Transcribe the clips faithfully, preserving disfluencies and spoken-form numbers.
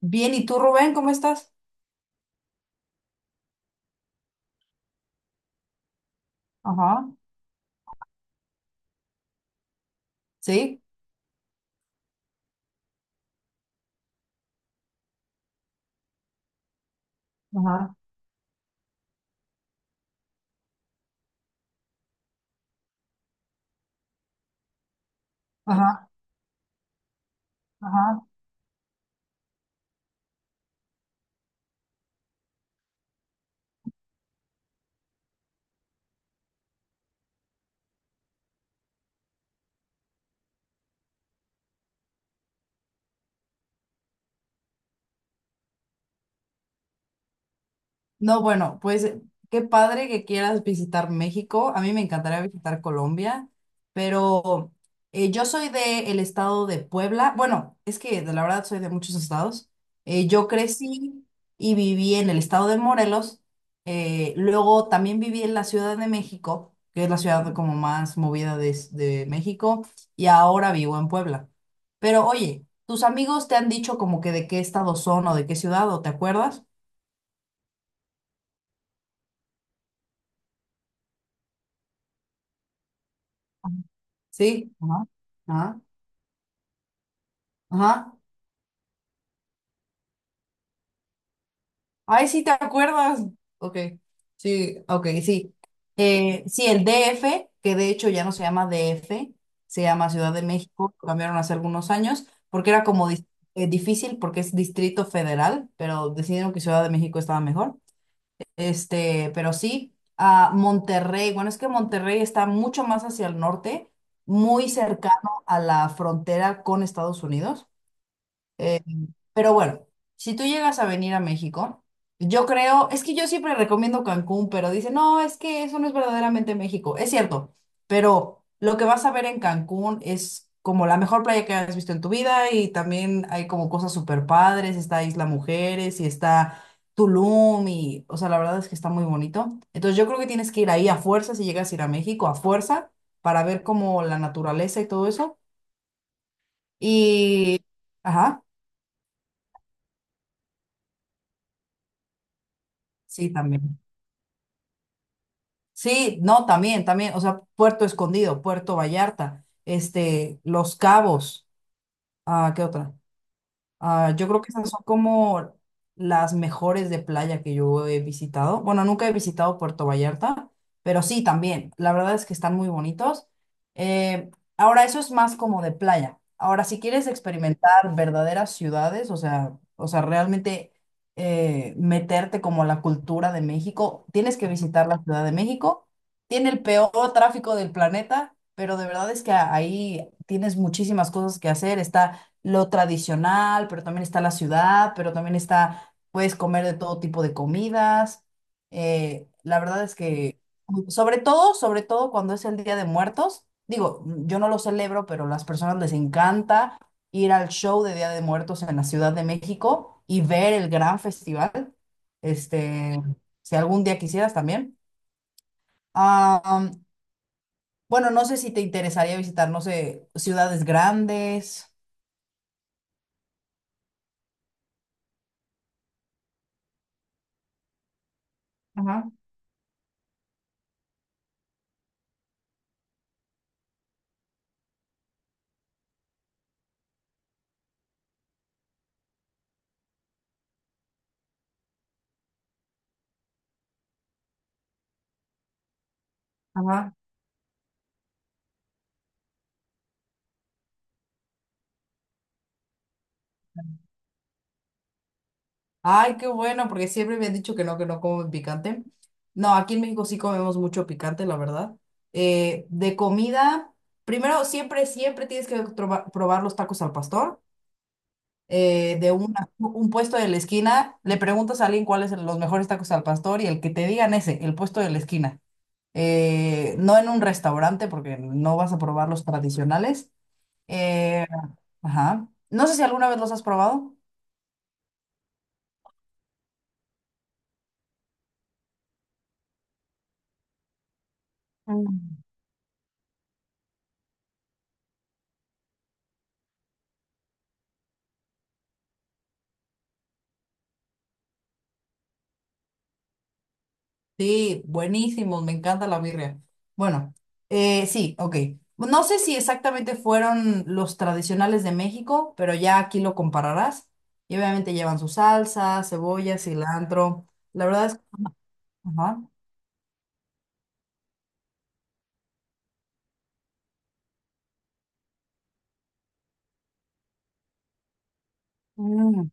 Bien, ¿y tú, Rubén, cómo estás? Ajá, sí, ajá, ajá, ajá. No, bueno, pues qué padre que quieras visitar México. A mí me encantaría visitar Colombia, pero eh, yo soy del estado de Puebla. Bueno, es que de la verdad soy de muchos estados. Eh, yo crecí y viví en el estado de Morelos. Eh, luego también viví en la Ciudad de México, que es la ciudad como más movida de, de México, y ahora vivo en Puebla. Pero oye, ¿tus amigos te han dicho como que de qué estado son o de qué ciudad o te acuerdas? Ajá. Sí, ajá, ajá, ajá. Ay, sí, ¿te acuerdas? Ok, sí, ok, sí. Eh, sí, el D F, que de hecho ya no se llama D F, se llama Ciudad de México, lo cambiaron hace algunos años, porque era como dis- eh, difícil porque es Distrito Federal, pero decidieron que Ciudad de México estaba mejor. Este, pero sí, a Monterrey, bueno, es que Monterrey está mucho más hacia el norte, muy cercano a la frontera con Estados Unidos. Pero bueno, si tú llegas a venir a México, yo creo, es que yo siempre recomiendo Cancún, pero dicen, no, es que eso no es verdaderamente México. Es cierto, pero lo que vas a ver en Cancún es como la mejor playa que has visto en tu vida y también hay como cosas súper padres, está Isla Mujeres y está Tulum y, o sea, la verdad es que está muy bonito. Entonces yo creo que tienes que ir ahí a fuerza, si llegas a ir a México, a fuerza, para ver como la naturaleza y todo eso. Y, ajá, sí, también. Sí, no, también, también, o sea, Puerto Escondido, Puerto Vallarta, este, Los Cabos, ah, ¿qué otra? Ah, yo creo que esas son como las mejores de playa que yo he visitado. Bueno, nunca he visitado Puerto Vallarta, pero sí también. La verdad es que están muy bonitos. Eh, Ahora, eso es más como de playa. Ahora, si quieres experimentar verdaderas ciudades, o sea, o sea, realmente eh, meterte como a la cultura de México, tienes que visitar la Ciudad de México. Tiene el peor tráfico del planeta, pero de verdad es que ahí tienes muchísimas cosas que hacer. Está lo tradicional, pero también está la ciudad, pero también está, puedes comer de todo tipo de comidas. Eh, la verdad es que, sobre todo, sobre todo cuando es el Día de Muertos, digo, yo no lo celebro, pero a las personas les encanta ir al show de Día de Muertos en la Ciudad de México y ver el gran festival. Este, si algún día quisieras también. Ah, bueno, no sé si te interesaría visitar, no sé, ciudades grandes. Ajá, ajá. Ay, qué bueno, porque siempre me han dicho que no, que no comen picante. No, aquí en México sí comemos mucho picante, la verdad. Eh, de comida, primero, siempre, siempre tienes que trova- probar los tacos al pastor. Eh, de una- un puesto de la esquina, le preguntas a alguien cuáles son los mejores tacos al pastor y el que te digan ese, el puesto de la esquina. Eh, no en un restaurante, porque no vas a probar los tradicionales. Eh, ajá. No sé si alguna vez los has probado. Mm. Sí, buenísimos, me encanta la birria. Bueno, eh, sí, ok. No sé si exactamente fueron los tradicionales de México, pero ya aquí lo compararás. Y obviamente llevan su salsa, cebolla, cilantro. La verdad es... Ajá. Mm.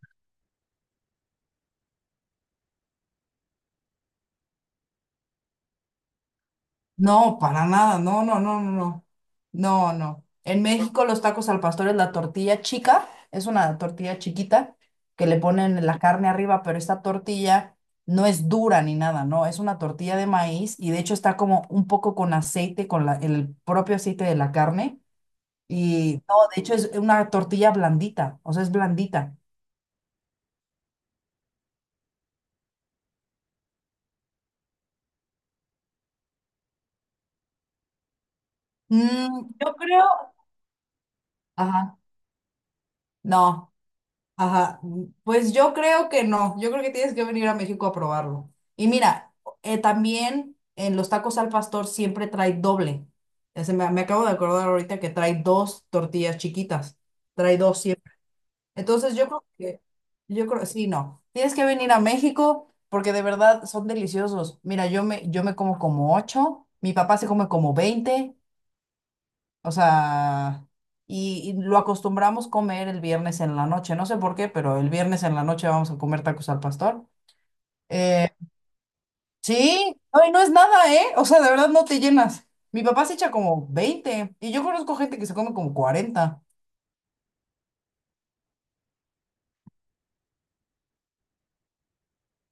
No, para nada, no, no, no, no, no, no, no. En México los tacos al pastor es la tortilla chica, es una tortilla chiquita que le ponen la carne arriba, pero esta tortilla no es dura ni nada, no, es una tortilla de maíz y de hecho está como un poco con aceite, con la- el propio aceite de la carne y no, de hecho es una tortilla blandita, o sea, es blandita. Mm, yo creo, ajá, no. Ajá, mm, pues yo creo que no, yo creo que tienes que venir a México a probarlo. Y mira, eh, también en los tacos al pastor siempre trae doble. Eh, se me, me acabo de acordar ahorita que trae dos tortillas chiquitas, trae dos siempre. Entonces yo creo que, yo creo, sí, no, tienes que venir a México porque de verdad son deliciosos. Mira, yo me, yo me como como ocho, mi papá se come como veinte, o sea, y, y lo acostumbramos comer el viernes en la noche. No sé por qué, pero el viernes en la noche vamos a comer tacos al pastor. Eh, sí, ay, no es nada, ¿eh? O sea, de verdad no te llenas. Mi papá se echa como veinte y yo conozco gente que se come como cuarenta.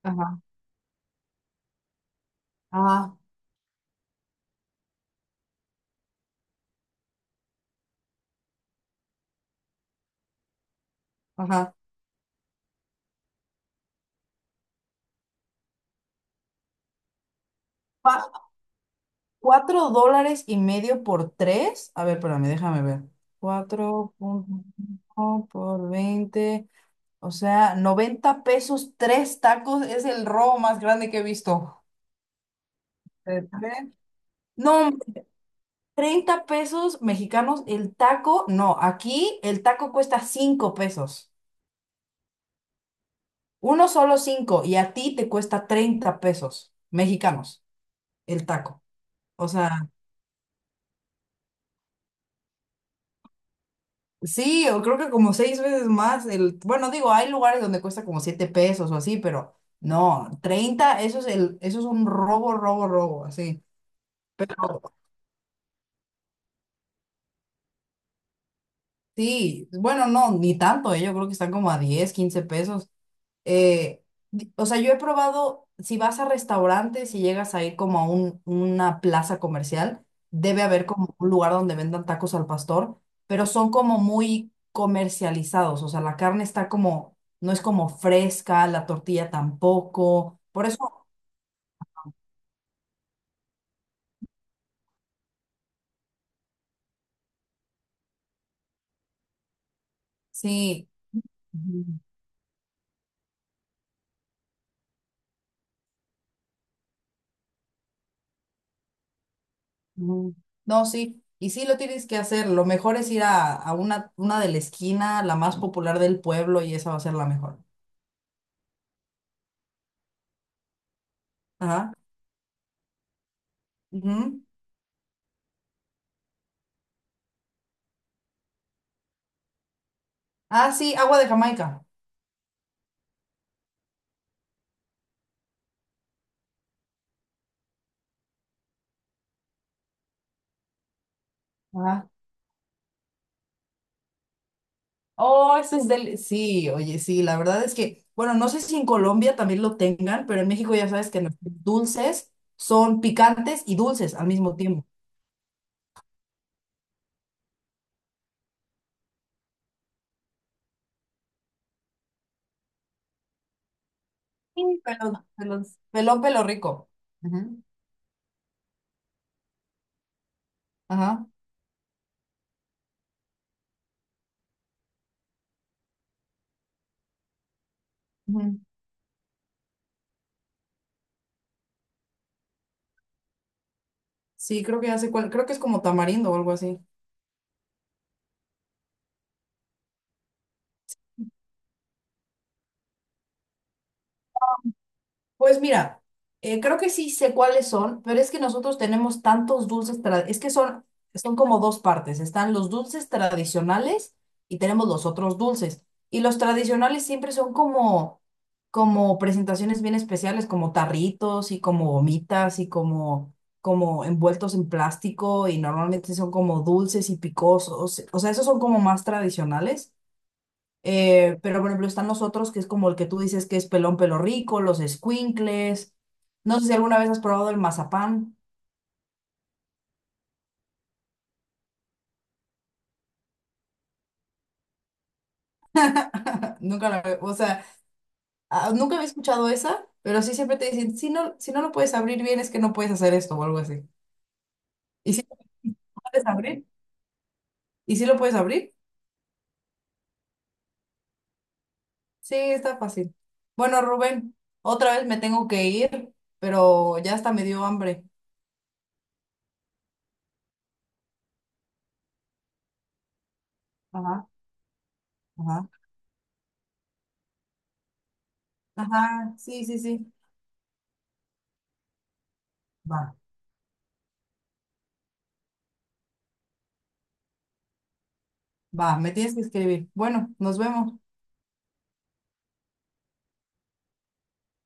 Ajá, ajá, ajá. Pa- Cuatro dólares y medio por tres. A ver, espérame, déjame ver. Cuatro punto cinco por veinte. O sea, noventa pesos, tres tacos. Es el robo más grande que he visto. De tres. No, hombre, treinta pesos mexicanos el taco. No, aquí el taco cuesta cinco pesos. Uno solo cinco y a ti te cuesta treinta pesos mexicanos el taco. O sea, sí, o creo que como seis veces más el... Bueno, digo, hay lugares donde cuesta como siete pesos o así, pero no, treinta, eso es el, eso es un robo, robo, robo, así. Sí, bueno, no, ni tanto, eh, yo creo que están como a diez, quince pesos. eh, di- o sea, yo he probado, si vas a restaurantes y llegas a ir como a un- una plaza comercial, debe haber como un lugar donde vendan tacos al pastor, pero son como muy comercializados, o sea, la carne está como, no es como fresca, la tortilla tampoco, por eso, sí, ujú, ujú. No, sí. Y sí lo tienes que hacer, lo mejor es ir a, a una, una de la esquina, la más popular del pueblo, y esa va a ser la mejor. Ajá. Ujú. Ah, sí, agua de Jamaica. Ah, oh, ese es del... Sí, oye, sí, la verdad es que, bueno, no sé si en Colombia también lo tengan, pero en México ya sabes que los dulces son picantes y dulces al mismo tiempo. Sí, pelón, pelón, pelón, pelo rico. Ujú. Ajá. Ujú. Sí, creo que ya sé cuál, creo que es como tamarindo o algo así. Pues mira, eh, creo que sí sé cuáles son, pero es que nosotros tenemos tantos dulces, tra- es que son, son, como dos partes, están los dulces tradicionales y tenemos los otros dulces. Y los tradicionales siempre son como, como presentaciones bien especiales, como tarritos y como gomitas y como, como envueltos en plástico y normalmente son como dulces y picosos, o sea, esos son como más tradicionales. Eh, pero, por ejemplo, están los otros que es como el que tú dices que es pelón pelo rico, los escuincles. No sé si alguna vez has probado el mazapán. Nunca lo he- o sea, ah, nunca había escuchado esa, pero sí siempre te dicen, si no, si no lo puedes abrir bien, es que no puedes hacer esto o algo así. Y sí lo puedes abrir. ¿Y sí lo puedes abrir? Sí, está fácil. Bueno, Rubén, otra vez me tengo que ir, pero ya hasta me dio hambre. Ajá, ajá. Ajá, sí, sí, sí. Va, va, me tienes que escribir. Bueno, nos vemos.